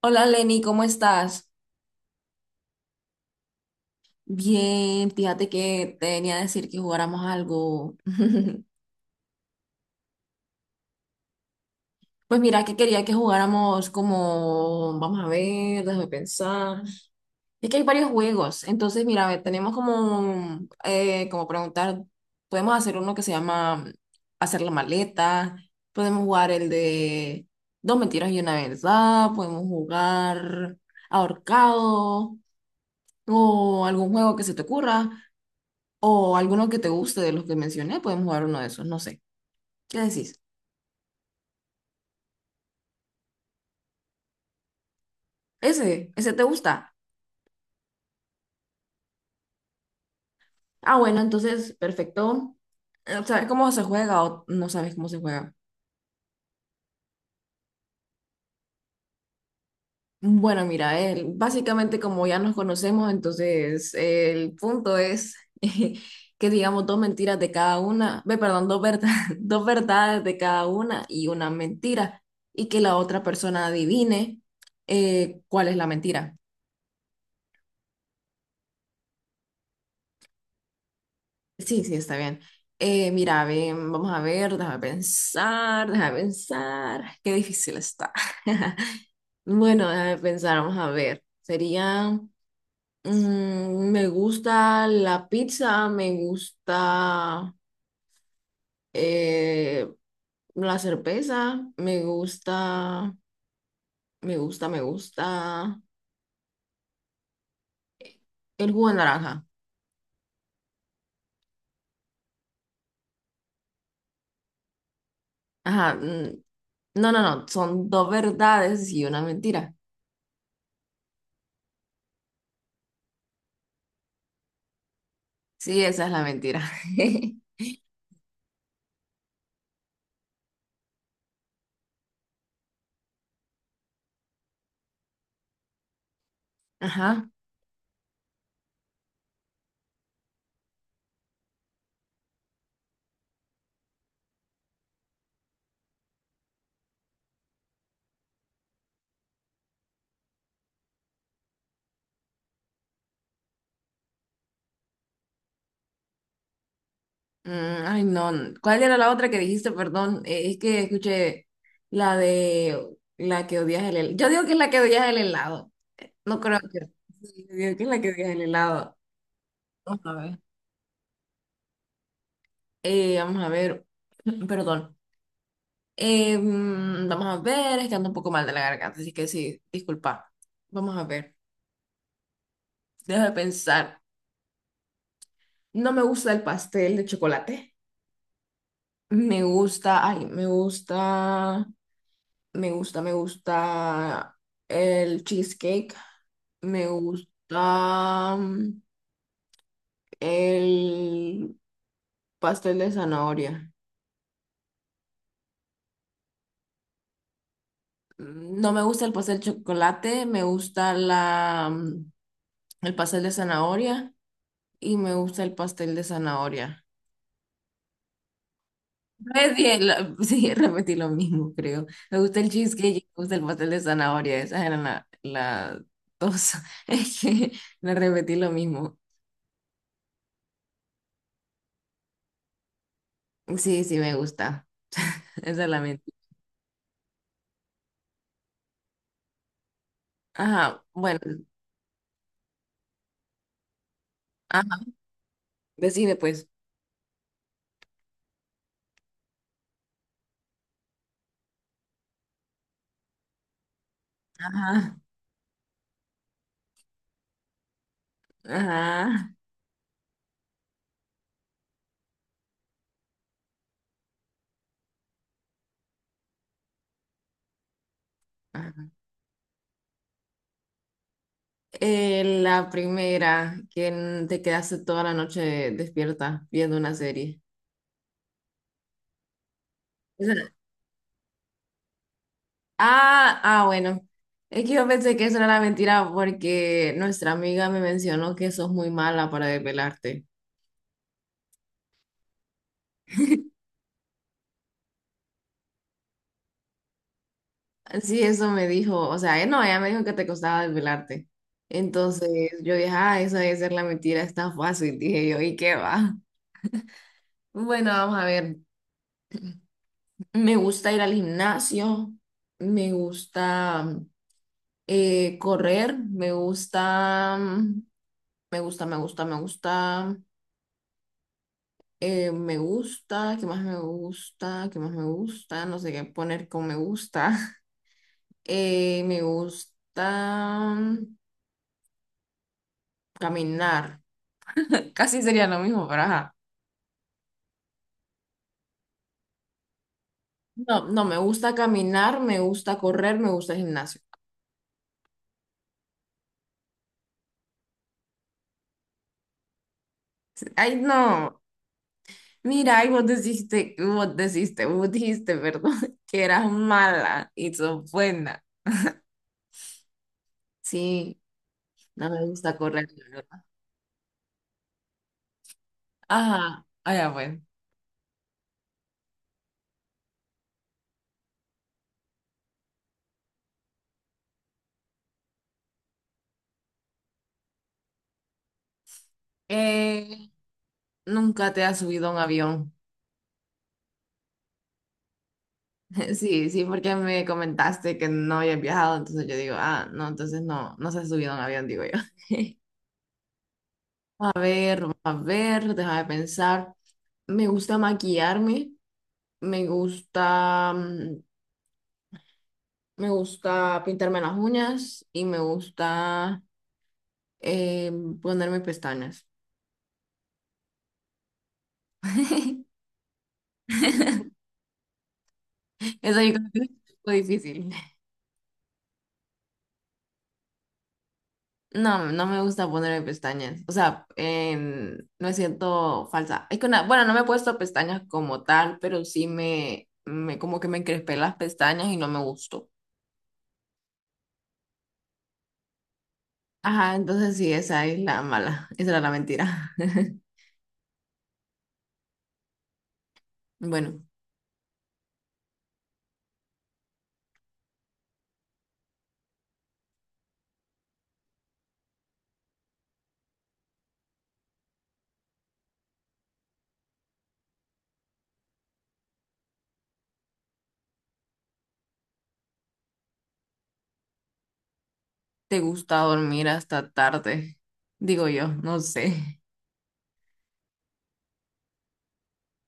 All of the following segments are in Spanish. Hola Lenny, ¿cómo estás? Bien, fíjate que te venía a decir que jugáramos algo. Pues mira, que quería que jugáramos como, vamos a ver, déjame pensar. Es que hay varios juegos, entonces mira, a ver, tenemos como, como preguntar, podemos hacer uno que se llama hacer la maleta, podemos jugar el de dos mentiras y una verdad, podemos jugar ahorcado o algún juego que se te ocurra. O alguno que te guste de los que mencioné, podemos jugar uno de esos, no sé. ¿Qué decís? Ese te gusta. Ah, bueno, entonces, perfecto. ¿Sabes cómo se juega o no sabes cómo se juega? Bueno, mira, básicamente como ya nos conocemos, entonces el punto es que digamos dos mentiras de cada una, ve, perdón, dos verdades de cada una y una mentira, y que la otra persona adivine cuál es la mentira. Sí, sí, está bien. Mira, ven, vamos a ver, déjame pensar. Qué difícil está. Bueno, déjame pensar, vamos a ver. Sería, me gusta la pizza, me gusta eh, la cerveza, me gusta el jugo de naranja. Ajá, mm, no, son dos verdades y una mentira. Sí, esa es la mentira. Ajá. Mm, ay, no. ¿Cuál era la otra que dijiste? Perdón, es que escuché la de la que odias el helado. Yo digo que es la que odias el helado. No creo que. Sí, yo digo que es la que odias el helado. Vamos a ver. Vamos a ver. Perdón. Vamos a ver. Es que ando un poco mal de la garganta, así que sí, disculpa. Vamos a ver. Deja de pensar. No me gusta el pastel de chocolate. Me gusta. Ay, me gusta. Me gusta el cheesecake. Me gusta el pastel de zanahoria. Mm, no me gusta el pastel de chocolate, me gusta el pastel de zanahoria y me gusta el pastel de zanahoria. Sí, repetí lo mismo, creo. Me gusta el cheesecake y me gusta el pastel de zanahoria. Esas eran las dos. Es que le repetí lo mismo. Sí, sí, me gusta. Esa es la mentira. Ajá, bueno, ajá, decide pues. Ajá, ajá, ajá. La primera, que te quedaste toda la noche despierta viendo una serie. Esa- Ah, ah, bueno. Es que yo pensé que eso era la mentira porque nuestra amiga me mencionó que sos muy mala para desvelarte. Sí, eso me dijo, o sea, no, ella me dijo que te costaba desvelarte. Entonces yo dije, ah, eso debe ser la mentira, está fácil, dije yo, ¿y qué va? Bueno, vamos a ver. Me gusta ir al gimnasio, me gusta correr, me gusta, ¿qué más me gusta? ¿Qué más me gusta? No sé qué poner con me gusta. Me gusta caminar. Casi sería lo mismo, pero ajá. No, no, me gusta caminar, me gusta correr, me gusta el gimnasio. Ay, no. Mira, y vos dijiste, perdón, que eras mala y sos buena. Sí, no me gusta correr, la verdad. Ajá, allá bueno. Eh, nunca te has subido a un avión. Sí, sí, porque me comentaste que no habías viajado, entonces yo digo, ah, no, entonces no, no se ha subido a un avión, digo yo. A ver, déjame pensar. Me gusta maquillarme, me gusta mm, me gusta pintarme las uñas y me gusta eh, ponerme pestañas. Eso yo creo que es un poco difícil. No, no me gusta ponerme pestañas. O sea, me siento falsa. Es que una, bueno, no me he puesto pestañas como tal, pero sí me como que me encrespé las pestañas y no me gustó. Ajá, entonces sí, esa es la mala. Esa era la mentira. Bueno, ¿te gusta dormir hasta tarde? Digo yo, no sé.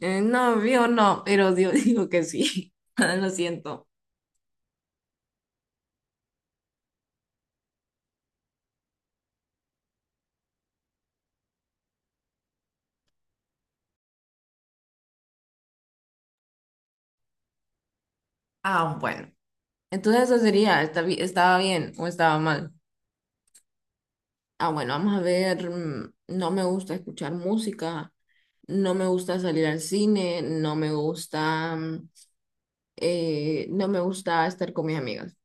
No, yo no, pero Dios dijo que sí. Lo siento. Ah, bueno. Entonces eso sería, estaba bien o estaba mal? Ah, bueno, vamos a ver, mm, no me gusta escuchar música, no me gusta salir al cine, no me gusta, mm, no me gusta estar con mis amigas.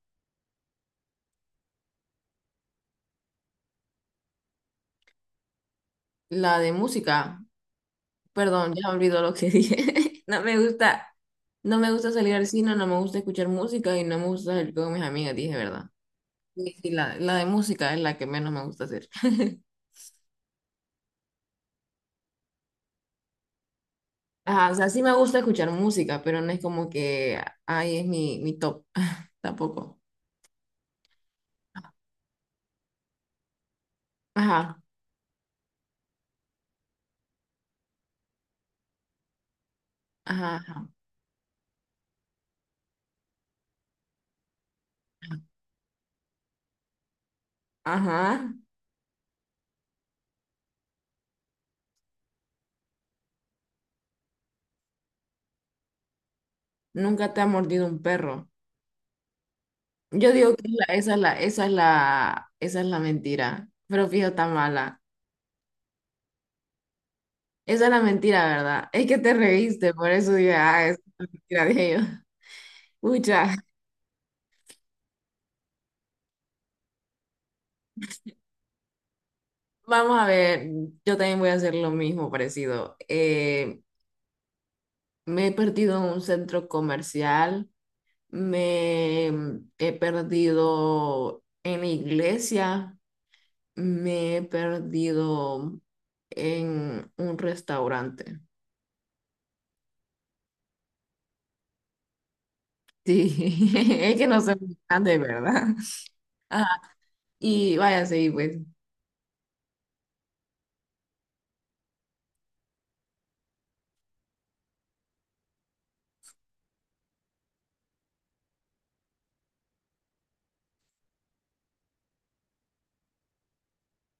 La de música, perdón, ya me olvidó lo que dije. No me gusta salir al cine, no me gusta escuchar música y no me gusta salir con mis amigas, dije, ¿verdad? Sí, sí, la de música es la que menos me gusta hacer. Ajá, o sea, sí me gusta escuchar música, pero no es como que ahí es mi top, tampoco. Ajá, ajá. Ajá. Nunca te ha mordido un perro. Yo digo que esa es la mentira, pero fíjate tan mala. Esa es la mentira, ¿verdad? Es que te reíste, por eso dije, ah, esa es la mentira de ellos. Pucha. Vamos a ver, yo también voy a hacer lo mismo parecido. Me he perdido en un centro comercial, he perdido en la iglesia, me he perdido en un restaurante. Sí, es que no soy muy grande, ¿verdad? Ajá, y vaya, sí, pues,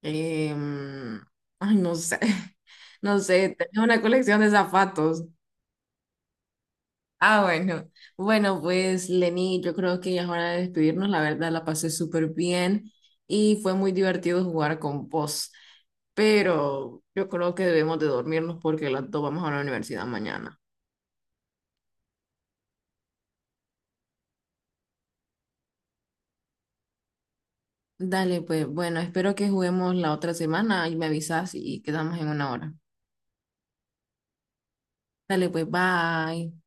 em, ay, no sé, no sé, tenía una colección de zapatos. Ah, bueno. Bueno, pues Lenny, yo creo que ya es hora de despedirnos. La verdad, la pasé súper bien y fue muy divertido jugar con vos. Pero yo creo que debemos de dormirnos porque las dos vamos a la universidad mañana. Dale, pues bueno, espero que juguemos la otra semana y me avisas y quedamos en una hora. Dale, pues bye.